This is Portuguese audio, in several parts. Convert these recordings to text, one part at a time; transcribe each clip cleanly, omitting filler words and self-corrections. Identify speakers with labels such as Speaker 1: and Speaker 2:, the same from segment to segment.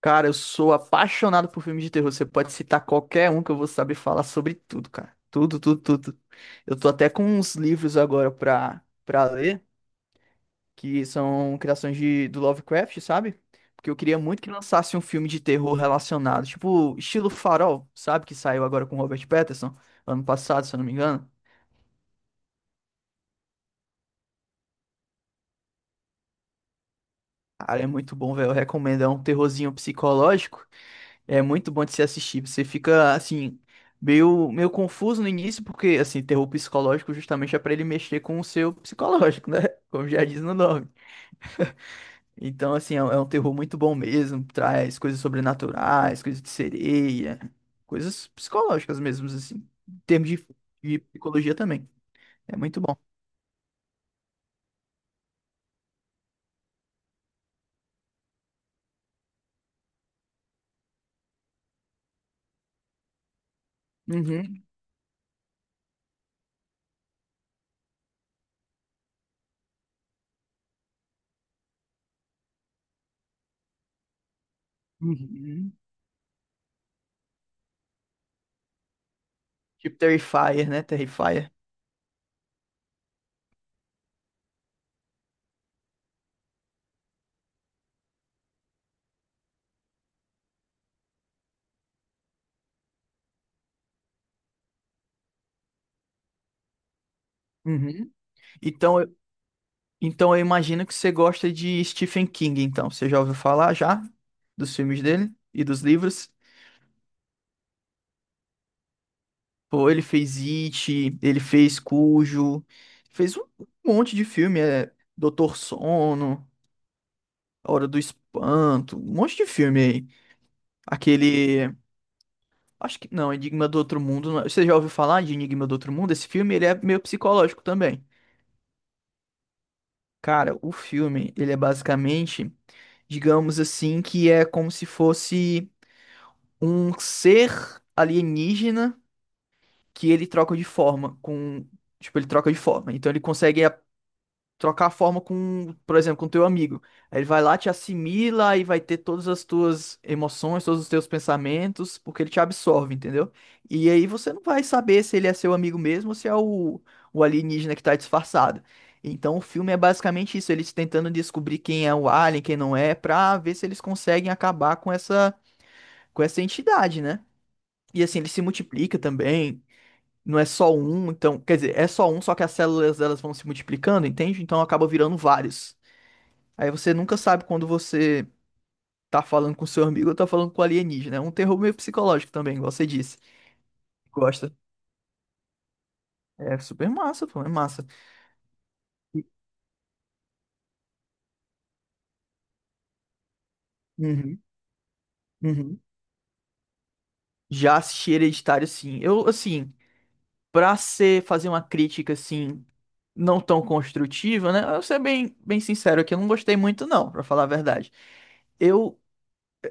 Speaker 1: Cara, eu sou apaixonado por filmes de terror. Você pode citar qualquer um que eu vou saber falar sobre tudo, cara. Tudo, tudo, tudo. Eu tô até com uns livros agora pra ler, que são criações do Lovecraft, sabe? Porque eu queria muito que lançasse um filme de terror relacionado, tipo, estilo Farol, sabe? Que saiu agora com Robert Pattinson, ano passado, se eu não me engano. Cara, é muito bom, velho. Eu recomendo. É um terrorzinho psicológico. É muito bom de se assistir. Você fica, assim, meio confuso no início, porque, assim, terror psicológico justamente é pra ele mexer com o seu psicológico, né? Como já diz no nome. Então, assim, é um terror muito bom mesmo. Traz coisas sobrenaturais, coisas de sereia, coisas psicológicas mesmo, assim. Em termos de psicologia também. É muito bom. Uhum, uhum. Tipo Terrifier, né? Terrifier. Uhum. Então, Então eu imagino que você gosta de Stephen King, então. Você já ouviu falar já dos filmes dele e dos livros? Pô, ele fez It, ele fez Cujo, fez um monte de filme, é Doutor Sono, A Hora do Espanto, um monte de filme aí. Aquele, acho que não, Enigma do Outro Mundo. Não é- Você já ouviu falar de Enigma do Outro Mundo? Esse filme, ele é meio psicológico também. Cara, o filme, ele é basicamente, digamos assim, que é como se fosse um ser alienígena que ele troca de forma com, tipo, ele troca de forma. Então ele consegue a- trocar a forma com, por exemplo, com teu amigo. Aí ele vai lá, te assimila e vai ter todas as tuas emoções, todos os teus pensamentos, porque ele te absorve, entendeu? E aí você não vai saber se ele é seu amigo mesmo ou se é o alienígena que tá disfarçado. Então o filme é basicamente isso, eles tentando descobrir quem é o alien, quem não é, pra ver se eles conseguem acabar com essa entidade, né? E assim, ele se multiplica também. Não é só um, então. Quer dizer, é só um, só que as células elas vão se multiplicando, entende? Então acaba virando vários. Aí você nunca sabe quando você tá falando com seu amigo ou tá falando com alienígena. É um terror meio psicológico também, igual você disse. Gosta. É super massa, pô, é massa. Uhum, uhum. Já assisti Hereditário, sim. Eu, assim, pra ser, fazer uma crítica, assim, não tão construtiva, né? Eu vou ser bem sincero aqui, eu não gostei muito, não, pra falar a verdade. Eu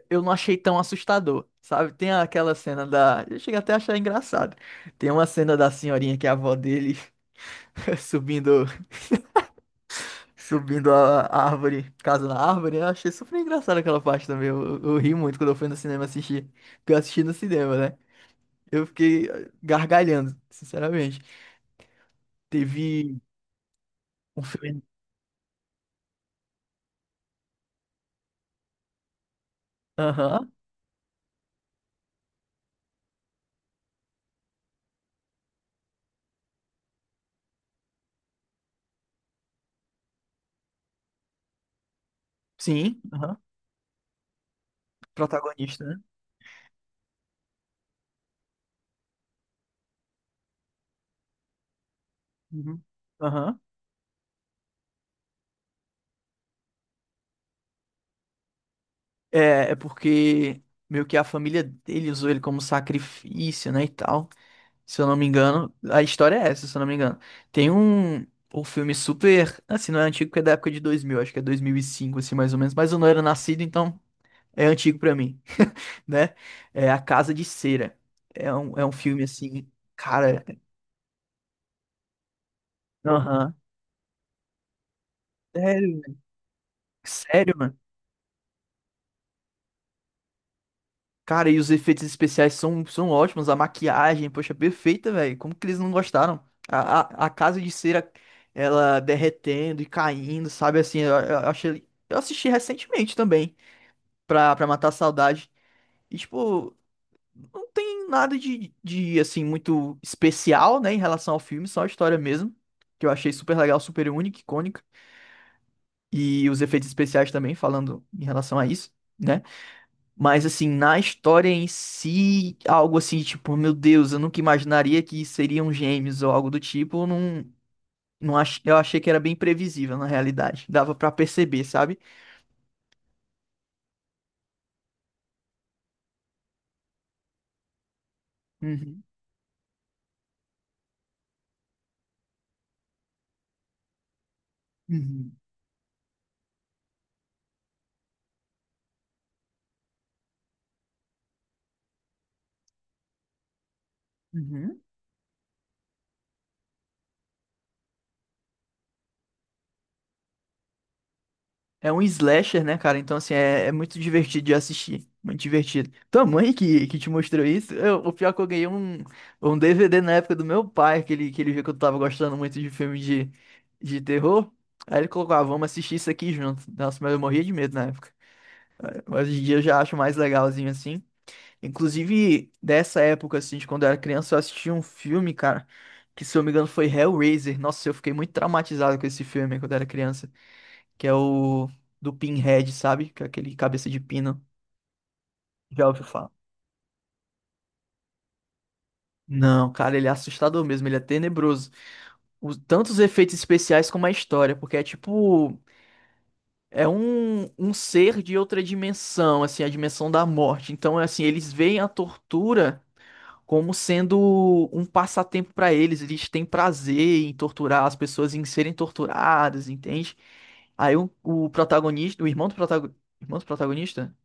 Speaker 1: eu não achei tão assustador, sabe? Tem aquela cena da. Eu cheguei até a achar engraçado. Tem uma cena da senhorinha que é a avó dele subindo, subindo a árvore, casa na árvore. Eu achei super engraçado aquela parte também. Eu ri muito quando eu fui no cinema assistir. Porque eu assisti no cinema, né? Eu fiquei gargalhando, sinceramente. Teve um filme. Aham. Sim, aham. Protagonista, né? Uhum. Aham. É, é porque meio que a família dele usou ele como sacrifício, né, e tal. Se eu não me engano, a história é essa, se eu não me engano. Tem um, um filme super, assim, não é antigo porque é da época de 2000, acho que é 2005, assim, mais ou menos. Mas eu não era nascido, então é antigo pra mim, né? É A Casa de Cera. É um filme, assim, cara... Aham. Sério, velho. Sério, mano. Cara, e os efeitos especiais são, são ótimos. A maquiagem, poxa, perfeita, velho. Como que eles não gostaram? A Casa de Cera, ela derretendo e caindo, sabe? Assim, eu achei... Eu assisti recentemente também. Pra, pra matar a saudade. E, tipo, não tem nada assim, muito especial, né, em relação ao filme, só a história mesmo, que eu achei super legal, super única, icônica. E os efeitos especiais também, falando em relação a isso, né? Mas, assim, na história em si, algo assim, tipo, meu Deus, eu nunca imaginaria que seriam gêmeos ou algo do tipo, não, não ach... eu achei que era bem previsível, na realidade. Dava pra perceber, sabe? Uhum, uhum, uhum. É um slasher, né, cara? Então, assim, é, é muito divertido de assistir. Muito divertido. Tua mãe que te mostrou isso? Eu- o pior é que eu ganhei um, um DVD na época do meu pai, que ele viu que eu tava gostando muito de filme de terror. Aí ele colocou, ah, vamos assistir isso aqui junto. Nossa, mas eu morria de medo na época. Mas hoje em dia eu já acho mais legalzinho, assim. Inclusive, dessa época, assim, de quando eu era criança, eu assisti um filme, cara, que se eu não me engano foi Hellraiser. Nossa, eu fiquei muito traumatizado com esse filme quando eu era criança que é o do Pinhead, sabe? Que é aquele cabeça de pino. Já ouviu falar? Não, cara, ele é assustador mesmo, ele é tenebroso. Os, tanto os efeitos especiais como a história, porque é tipo. É um, um ser de outra dimensão, assim, a dimensão da morte. Então, é assim, eles veem a tortura como sendo um passatempo pra eles. Eles têm prazer em torturar as pessoas, em serem torturadas, entende? Aí o protagonista, o irmão do protagonista. Irmão do protagonista?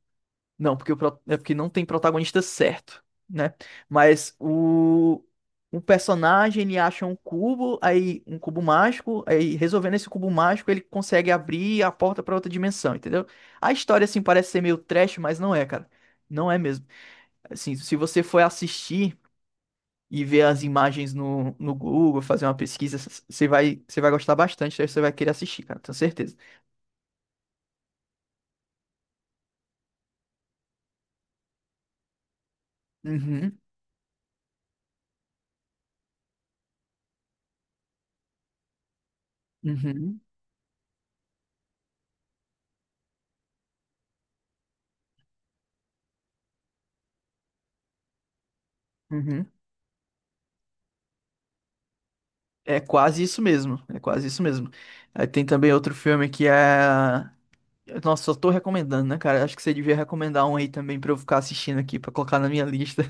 Speaker 1: Não, porque, o, pro- é porque não tem protagonista certo, né? Mas o personagem, ele acha um cubo, aí um cubo mágico, aí resolvendo esse cubo mágico, ele consegue abrir a porta para outra dimensão, entendeu? A história, assim, parece ser meio trash, mas não é, cara. Não é mesmo. Assim, se você for assistir e ver as imagens no, no Google, fazer uma pesquisa, c- você vai gostar bastante, você vai querer assistir, cara, tenho certeza. Uhum, uhum, uhum. É quase isso mesmo, é quase isso mesmo. Aí tem também outro filme que é. Nossa, só tô recomendando, né, cara? Acho que você devia recomendar um aí também pra eu ficar assistindo aqui, pra colocar na minha lista.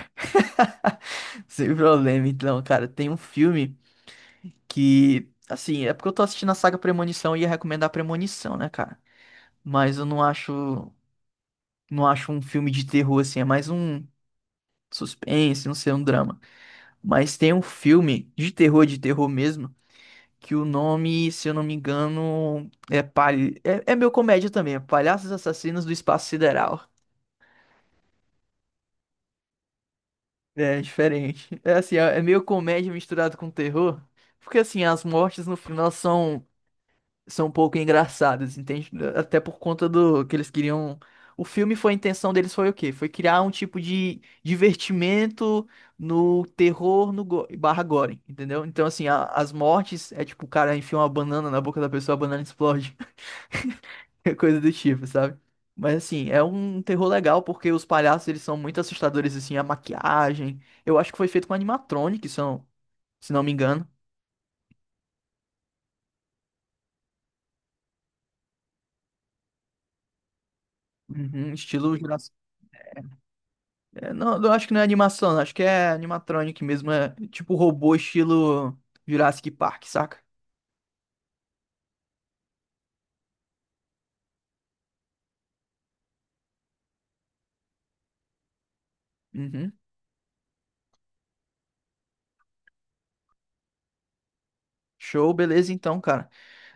Speaker 1: Sem problema, então, cara. Tem um filme que, assim, é porque eu tô assistindo a saga Premonição e ia recomendar Premonição, né, cara? Mas eu não acho, não acho um filme de terror, assim, é mais um suspense, não sei, um drama. Mas tem um filme de terror mesmo que o nome, se eu não me engano, é, palha... é, é meio comédia também, é Palhaços Assassinos do Espaço Sideral. É diferente. É assim, é meio comédia misturado com terror, porque assim, as mortes no final são um pouco engraçadas, entende? Até por conta do que eles queriam. O filme foi, a intenção deles foi o quê? Foi criar um tipo de divertimento no terror no go- barra gore, entendeu? Então, assim, a- as mortes é tipo o cara enfia uma banana na boca da pessoa, a banana explode. Coisa do tipo, sabe? Mas assim, é um terror legal porque os palhaços eles são muito assustadores assim, a maquiagem. Eu acho que foi feito com animatronic, se não, se não me engano. Uhum, estilo Jurassic. É, não, eu acho que não é animação, acho que é animatronic mesmo, é tipo robô estilo Jurassic Park, saca? Uhum. Show, beleza então, cara.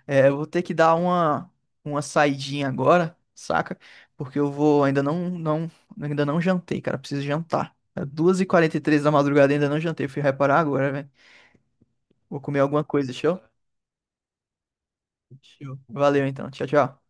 Speaker 1: É, eu vou ter que dar uma saidinha agora, saca? Porque eu vou, ainda não, não, ainda não jantei, cara, preciso jantar. É duas e quarenta e três da madrugada, ainda não jantei, fui reparar agora, velho. Vou comer alguma coisa, show? Show. Valeu então, tchau, tchau.